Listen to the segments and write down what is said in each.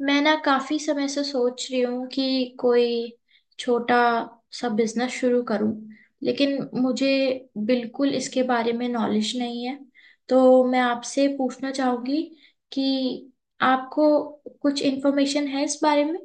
मैं ना काफी समय से सोच रही हूँ कि कोई छोटा सा बिजनेस शुरू करूँ, लेकिन मुझे बिल्कुल इसके बारे में नॉलेज नहीं है। तो मैं आपसे पूछना चाहूंगी कि आपको कुछ इन्फॉर्मेशन है इस बारे में।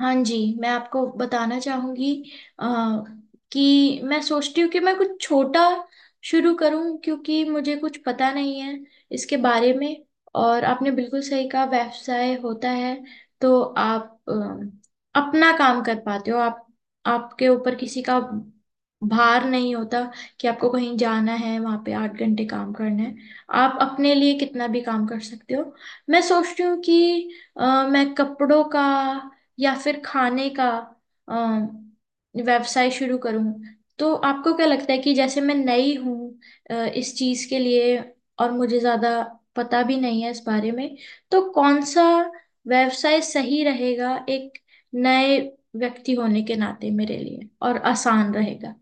हाँ जी, मैं आपको बताना चाहूंगी अ, कि मैं सोचती हूँ कि मैं कुछ छोटा शुरू करूँ, क्योंकि मुझे कुछ पता नहीं है इसके बारे में। और आपने बिल्कुल सही कहा, व्यवसाय होता है तो आप अपना काम कर पाते हो। आप, आपके ऊपर किसी का भार नहीं होता कि आपको कहीं जाना है, वहां पे 8 घंटे काम करना है। आप अपने लिए कितना भी काम कर सकते हो। मैं सोचती हूँ कि अ, मैं कपड़ों का या फिर खाने का अम, व्यवसाय शुरू करूं। तो आपको क्या लगता है कि जैसे मैं नई हूं इस चीज के लिए, और मुझे ज्यादा पता भी नहीं है इस बारे में, तो कौन सा व्यवसाय सही रहेगा एक नए व्यक्ति होने के नाते मेरे लिए और आसान रहेगा।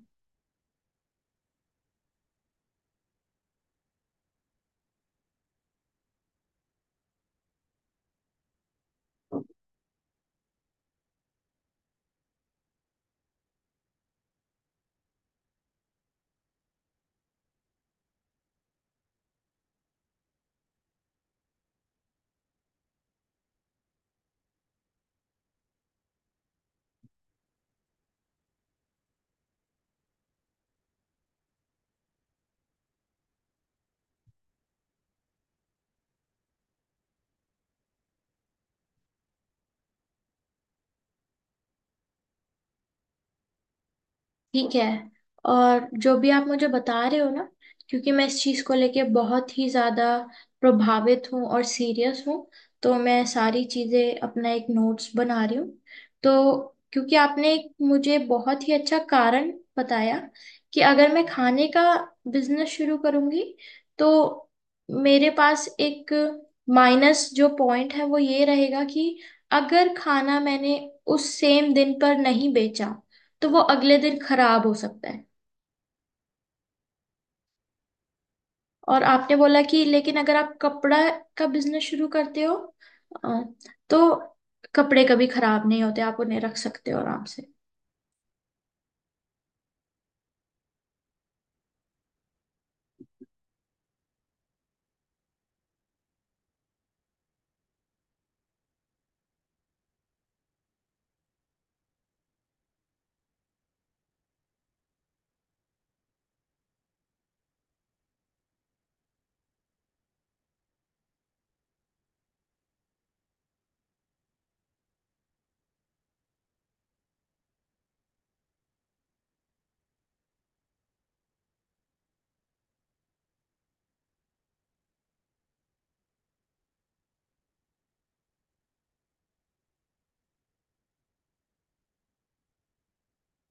ठीक है। और जो भी आप मुझे बता रहे हो ना, क्योंकि मैं इस चीज़ को लेके बहुत ही ज़्यादा प्रभावित हूँ और सीरियस हूँ, तो मैं सारी चीज़ें अपना एक नोट्स बना रही हूँ। तो क्योंकि आपने एक मुझे बहुत ही अच्छा कारण बताया कि अगर मैं खाने का बिजनेस शुरू करूँगी, तो मेरे पास एक माइनस जो पॉइंट है वो ये रहेगा कि अगर खाना मैंने उस सेम दिन पर नहीं बेचा तो वो अगले दिन खराब हो सकता है। और आपने बोला कि लेकिन अगर आप कपड़ा का बिजनेस शुरू करते हो, अ, तो कपड़े कभी खराब नहीं होते, आप उन्हें रख सकते हो आराम से।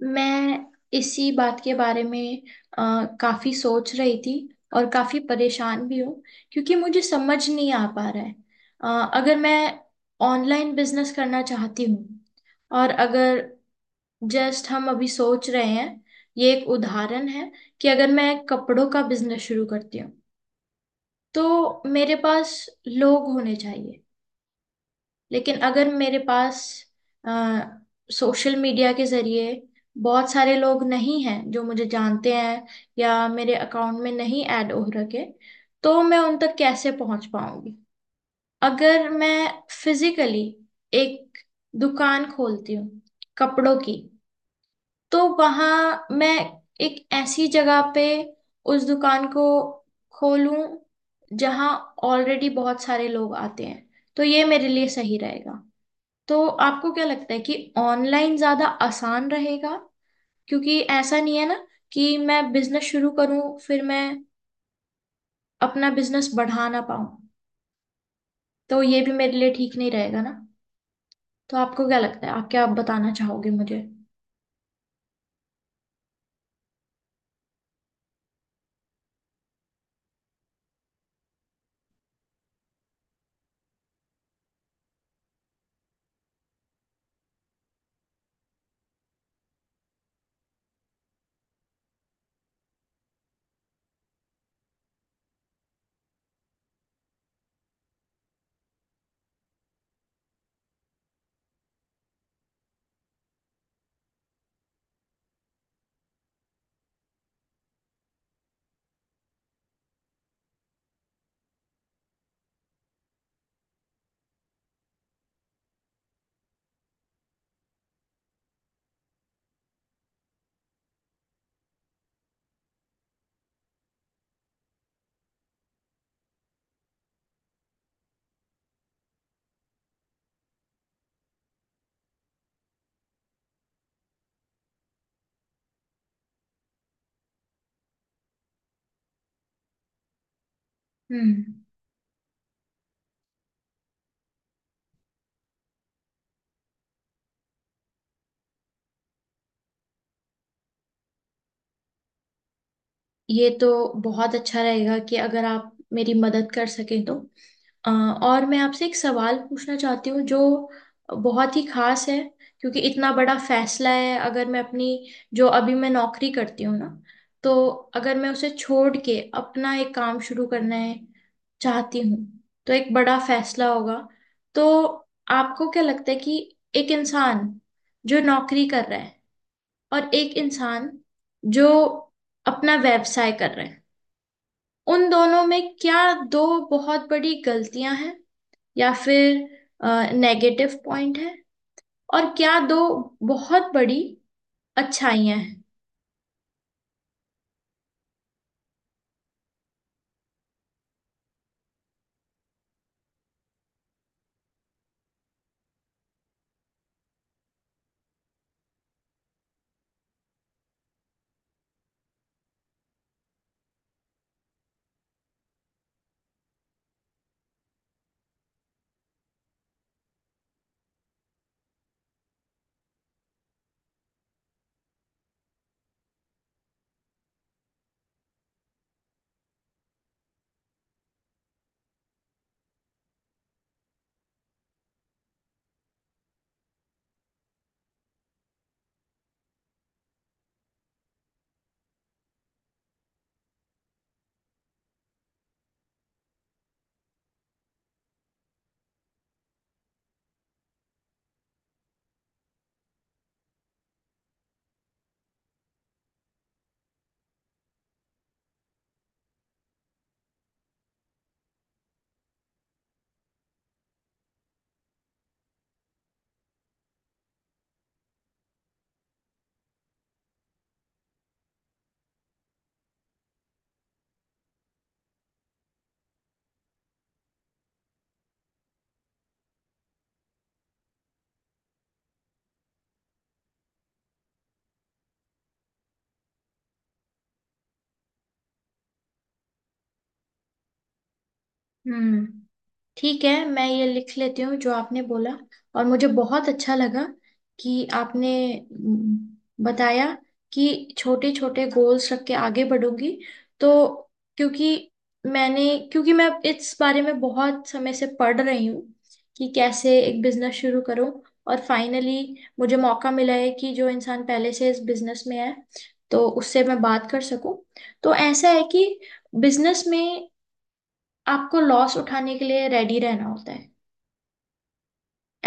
मैं इसी बात के बारे में काफी सोच रही थी और काफी परेशान भी हूँ, क्योंकि मुझे समझ नहीं आ पा रहा है। अगर मैं ऑनलाइन बिजनेस करना चाहती हूँ, और अगर, जस्ट हम अभी सोच रहे हैं, ये एक उदाहरण है, कि अगर मैं कपड़ों का बिजनेस शुरू करती हूँ, तो मेरे पास लोग होने चाहिए। लेकिन अगर मेरे पास सोशल मीडिया के जरिए बहुत सारे लोग नहीं हैं जो मुझे जानते हैं या मेरे अकाउंट में नहीं ऐड हो रखे, तो मैं उन तक कैसे पहुंच पाऊंगी। अगर मैं फिजिकली एक दुकान खोलती हूँ कपड़ों की, तो वहां मैं एक ऐसी जगह पे उस दुकान को खोलूं जहां ऑलरेडी बहुत सारे लोग आते हैं, तो ये मेरे लिए सही रहेगा। तो आपको क्या लगता है कि ऑनलाइन ज्यादा आसान रहेगा? क्योंकि ऐसा नहीं है ना कि मैं बिजनेस शुरू करूं फिर मैं अपना बिजनेस बढ़ा ना पाऊं, तो ये भी मेरे लिए ठीक नहीं रहेगा ना। तो आपको क्या लगता है, आप क्या बताना चाहोगे मुझे? हम्म। ये तो बहुत अच्छा रहेगा कि अगर आप मेरी मदद कर सकें तो। अ, और मैं आपसे एक सवाल पूछना चाहती हूँ जो बहुत ही खास है। क्योंकि इतना बड़ा फैसला है, अगर मैं अपनी जो अभी मैं नौकरी करती हूँ ना, तो अगर मैं उसे छोड़ के अपना एक काम शुरू करना है, चाहती हूँ, तो एक बड़ा फैसला होगा। तो आपको क्या लगता है कि एक इंसान जो नौकरी कर रहा है, और एक इंसान जो अपना व्यवसाय कर रहे हैं, उन दोनों में क्या दो बहुत बड़ी गलतियां हैं या फिर नेगेटिव पॉइंट है, और क्या दो बहुत बड़ी अच्छाइयां हैं? हम्म। ठीक है, मैं ये लिख लेती हूँ जो आपने बोला। और मुझे बहुत अच्छा लगा कि आपने, बताया कि छोटे छोटे गोल्स रख के आगे बढ़ूंगी। तो क्योंकि मैंने क्योंकि मैं इस बारे में बहुत समय से पढ़ रही हूँ कि कैसे एक बिजनेस शुरू करूँ, और फाइनली मुझे मौका मिला है कि जो इंसान पहले से इस बिजनेस में है तो उससे मैं बात कर सकूं। तो ऐसा है कि बिजनेस में आपको लॉस उठाने के लिए रेडी रहना होता है।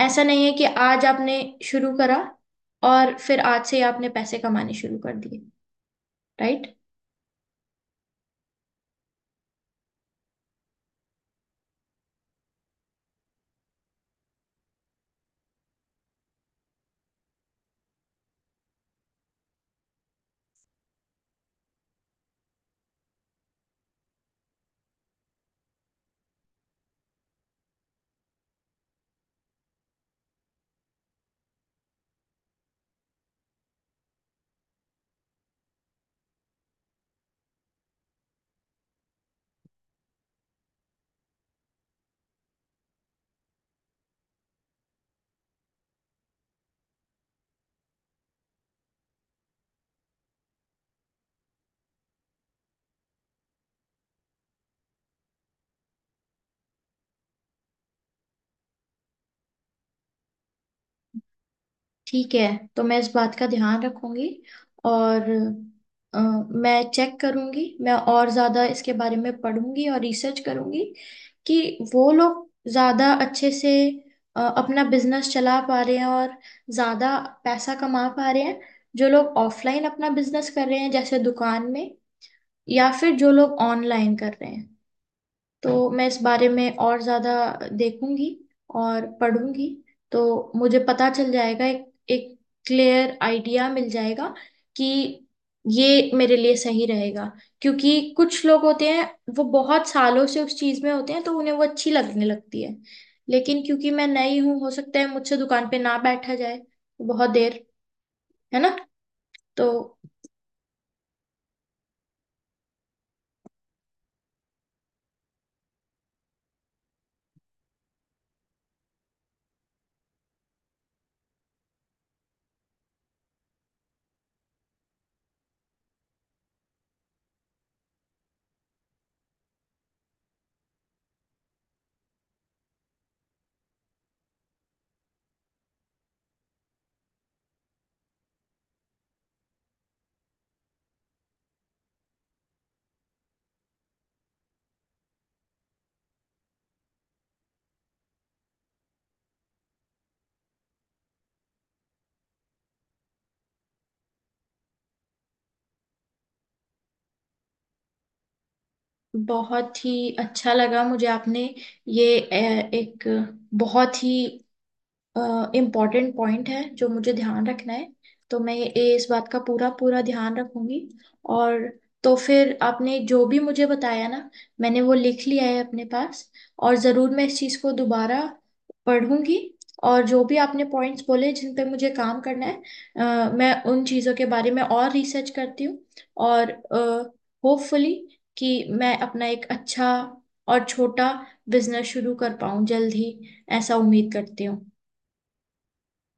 ऐसा नहीं है कि आज आपने शुरू करा और फिर आज से ही आपने पैसे कमाने शुरू कर दिए, राइट? ठीक है, तो मैं इस बात का ध्यान रखूंगी। और अ, मैं चेक करूंगी, मैं और ज़्यादा इसके बारे में पढ़ूंगी और रिसर्च करूंगी कि वो लोग ज़्यादा अच्छे से अपना बिजनेस चला पा रहे हैं और ज़्यादा पैसा कमा पा रहे हैं, जो लोग ऑफलाइन अपना बिजनेस कर रहे हैं जैसे दुकान में, या फिर जो लोग ऑनलाइन कर रहे हैं। तो मैं इस बारे में और ज्यादा देखूंगी और पढ़ूंगी, तो मुझे पता चल जाएगा, एक एक क्लियर आइडिया मिल जाएगा कि ये मेरे लिए सही रहेगा। क्योंकि कुछ लोग होते हैं वो बहुत सालों से उस चीज में होते हैं तो उन्हें वो अच्छी लगने लगती है, लेकिन क्योंकि मैं नई हूँ हो सकता है मुझसे दुकान पे ना बैठा जाए बहुत देर, है ना? तो बहुत ही अच्छा लगा मुझे, आपने ये एक बहुत ही इम्पोर्टेंट पॉइंट है जो मुझे ध्यान रखना है। तो मैं ये इस बात का पूरा पूरा ध्यान रखूंगी। और तो फिर आपने जो भी मुझे बताया ना, मैंने वो लिख लिया है अपने पास। और ज़रूर मैं इस चीज़ को दोबारा पढ़ूंगी, और जो भी आपने पॉइंट्स बोले जिन पे मुझे काम करना है, मैं उन चीज़ों के बारे में और रिसर्च करती हूँ। और होपफुली कि मैं अपना एक अच्छा और छोटा बिजनेस शुरू कर पाऊँ जल्द ही, ऐसा उम्मीद करती हूँ।